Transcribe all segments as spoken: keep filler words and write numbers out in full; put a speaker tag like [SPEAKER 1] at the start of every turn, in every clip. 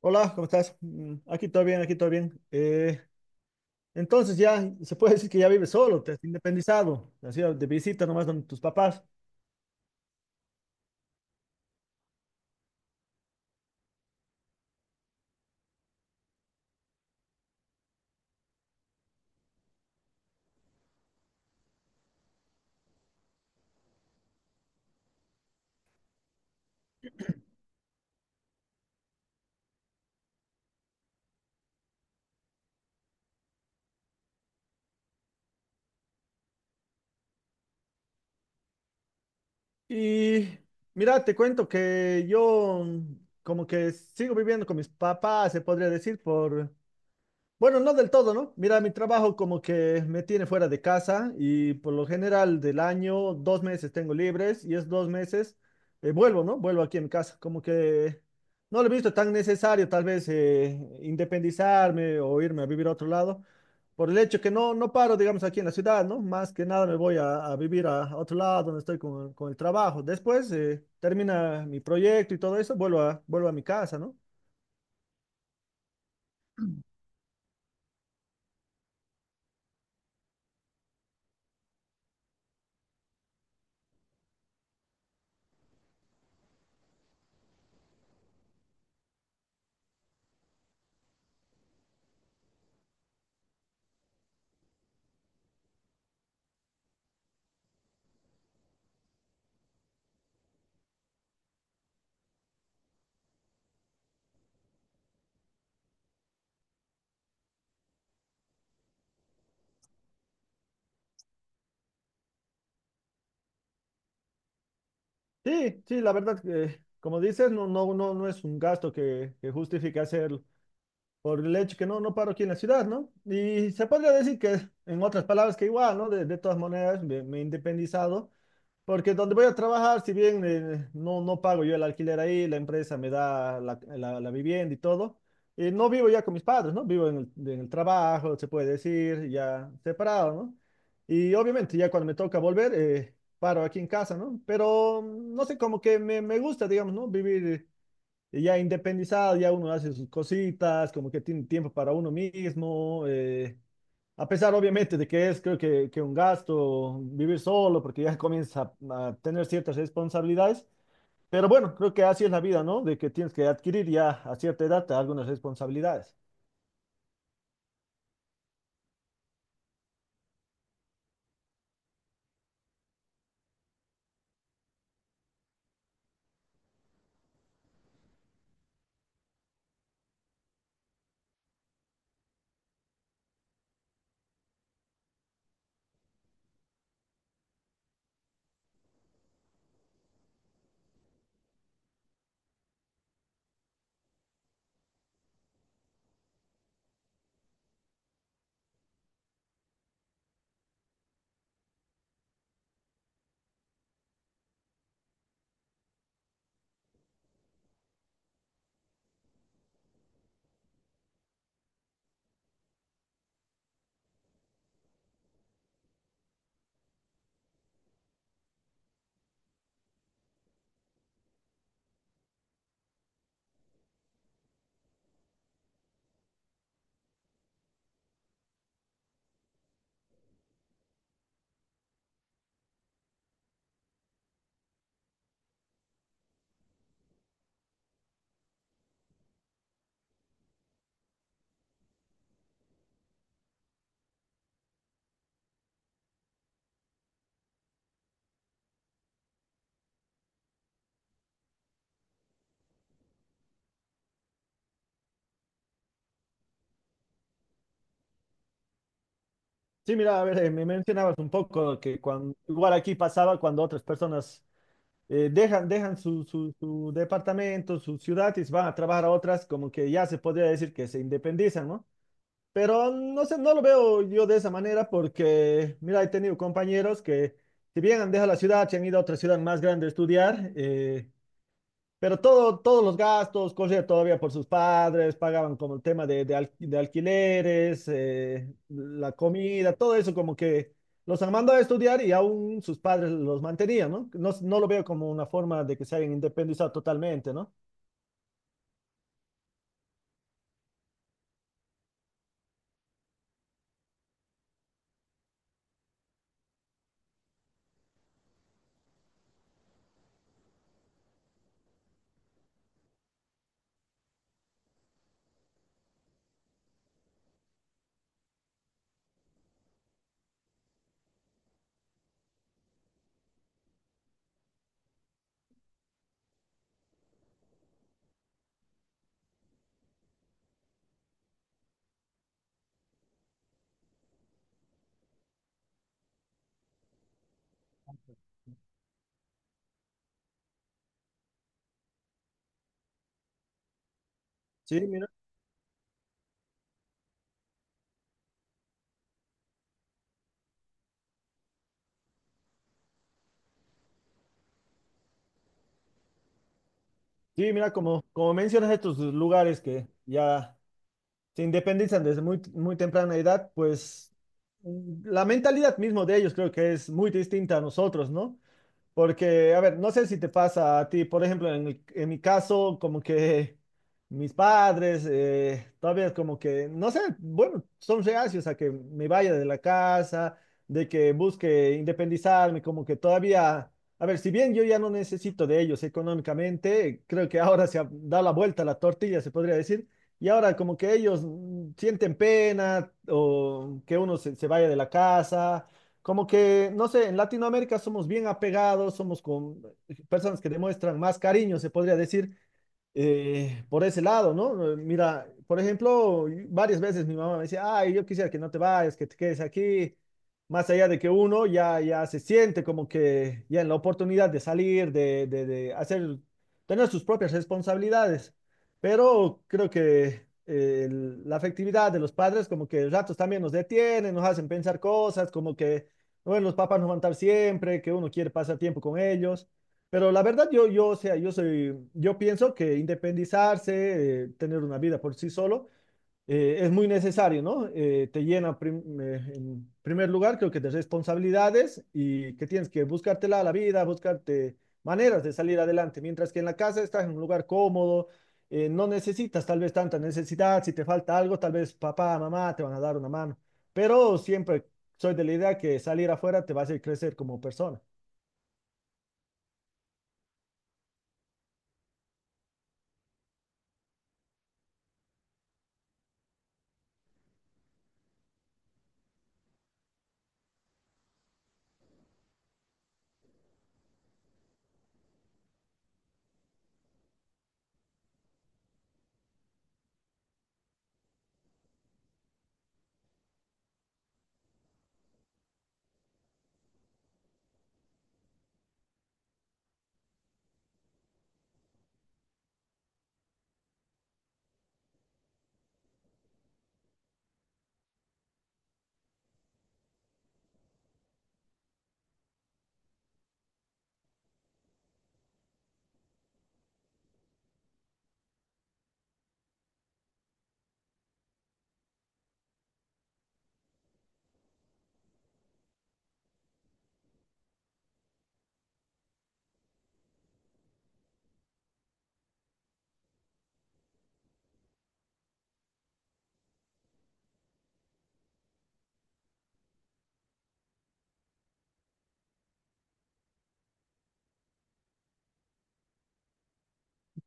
[SPEAKER 1] Hola, ¿cómo estás? Mm, aquí todo bien, aquí todo bien. Eh, entonces ya se puede decir que ya vives solo, te has independizado, te has ido de visita nomás donde tus papás. Y mira, te cuento que yo mm, como que sigo viviendo con mis papás, se podría decir, por, bueno, no del todo, ¿no? Mira, mi trabajo como que me tiene fuera de casa y por lo general del año dos meses tengo libres y es dos meses eh, vuelvo, ¿no? Vuelvo aquí en casa. Como que no lo he visto tan necesario tal vez, eh, independizarme o irme a vivir a otro lado por el hecho que no, no paro, digamos, aquí en la ciudad, ¿no? Más que nada me voy a, a vivir a, a otro lado donde estoy con, con el trabajo. Después eh, termina mi proyecto y todo eso, vuelvo a, vuelvo a mi casa, ¿no? Sí, sí, la verdad que, como dices, no, no, no, no es un gasto que, que justifique hacerlo por el hecho que no, no paro aquí en la ciudad, ¿no? Y se podría decir que, en otras palabras, que igual, ¿no? De, de todas maneras, me, me he independizado porque donde voy a trabajar, si bien eh, no, no pago yo el alquiler ahí, la empresa me da la, la- la vivienda y todo, eh, no vivo ya con mis padres, ¿no? Vivo en el, en el trabajo, se puede decir, ya separado, ¿no? Y obviamente ya cuando me toca volver, eh, paro aquí en casa, ¿no? Pero mm, no sé, como que me, me gusta, digamos, ¿no? Vivir eh, ya independizado, ya uno hace sus cositas, como que tiene tiempo para uno mismo. Eh, a pesar, obviamente, de que es, creo que, que un gasto vivir solo, porque ya comienza a, a tener ciertas responsabilidades. Pero bueno, creo que así es la vida, ¿no? De que tienes que adquirir ya a cierta edad algunas responsabilidades. Sí, mira, a ver, eh, me mencionabas un poco que cuando, igual aquí pasaba cuando otras personas eh, dejan, dejan su, su, su departamento, su ciudad y se van a trabajar a otras, como que ya se podría decir que se independizan, ¿no? Pero no sé, no lo veo yo de esa manera porque, mira, he tenido compañeros que, si bien han dejado la ciudad, se han ido a otra ciudad más grande a estudiar, eh, pero todo, todos los gastos corrían todavía por sus padres, pagaban como el tema de, de al- de alquileres, eh, la comida, todo eso como que los han mandado a estudiar y aún sus padres los mantenían, ¿no? No, no lo veo como una forma de que se hayan independizado totalmente, ¿no? Sí, mira. Sí, mira, como, como mencionas estos lugares que ya se independizan desde muy, muy temprana edad, pues mm, la mentalidad mismo de ellos creo que es muy distinta a nosotros, ¿no? Porque, a ver, no sé si te pasa a ti, por ejemplo, en mi, en mi caso, como que mis padres eh, todavía es como que, no sé, bueno, son reacios a que me vaya de la casa, de que busque independizarme, como que todavía, a ver, si bien yo ya no necesito de ellos económicamente, creo que ahora se ha dado la vuelta a la tortilla, se podría decir, y ahora como que ellos mm, sienten pena o que uno se se vaya de la casa como que, no sé, en Latinoamérica somos bien apegados, somos con personas que demuestran más cariño, se podría decir, eh, por ese lado, ¿no? Eh, Mira, por ejemplo, y- varias veces mi mamá me decía, ay, yo quisiera que no te vayas, que te quedes aquí. Más allá de que uno ya, ya se siente como que ya en la oportunidad de salir, de, de, de hacer, tener sus propias responsabilidades. Pero creo que eh, el- la afectividad de los padres como que ratos también nos detienen, nos hacen pensar cosas, como que, bueno, los papás no van a estar siempre, que uno quiere pasar tiempo con ellos. Pero la verdad, yo, yo, o sea, yo soy, yo pienso que independizarse, eh, tener una vida por sí solo, eh, es muy necesario, ¿no? Eh, te llena, prim- eh, en primer lugar, creo que de responsabilidades y que tienes que buscártela a la vida, buscarte maneras de salir adelante, mientras que en la casa estás en un lugar cómodo, eh, no necesitas tal vez tanta necesidad, si te falta algo, tal vez papá, mamá te van a dar una mano, pero siempre soy de la idea que salir afuera te va a hacer crecer como persona.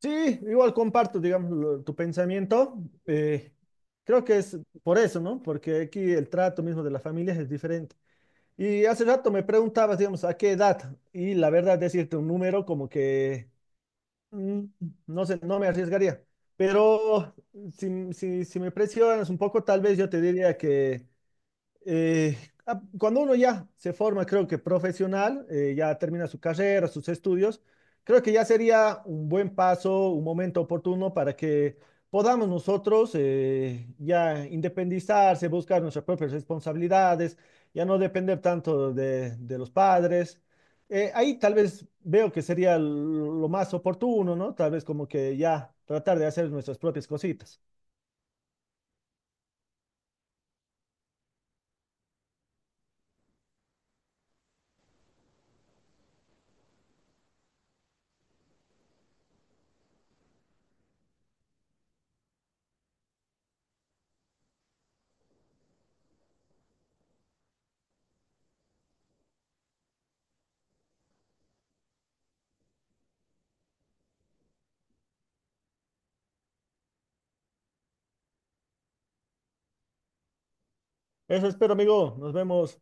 [SPEAKER 1] Sí, igual comparto, digamos, lo- tu pensamiento. eh, Creo que es por eso, ¿no? Porque aquí el trato mismo de las familias es diferente. Y hace rato me preguntabas, digamos, a qué edad. Y la verdad, decirte un número como que, mm, no sé, no me arriesgaría. Pero si, si, si me presionas un poco, tal vez yo te diría que eh, ah, cuando uno ya se forma, creo que profesional, eh, ya termina su carrera, sus estudios, creo que ya sería un buen paso, un momento oportuno para que podamos nosotros, eh, ya independizarse, buscar nuestras propias responsabilidades, ya no depender tanto de, de los padres. Eh, ahí tal vez veo que sería lo más oportuno, ¿no? Tal vez como que ya tratar de hacer nuestras propias cositas. Eso espero, amigo. Nos vemos.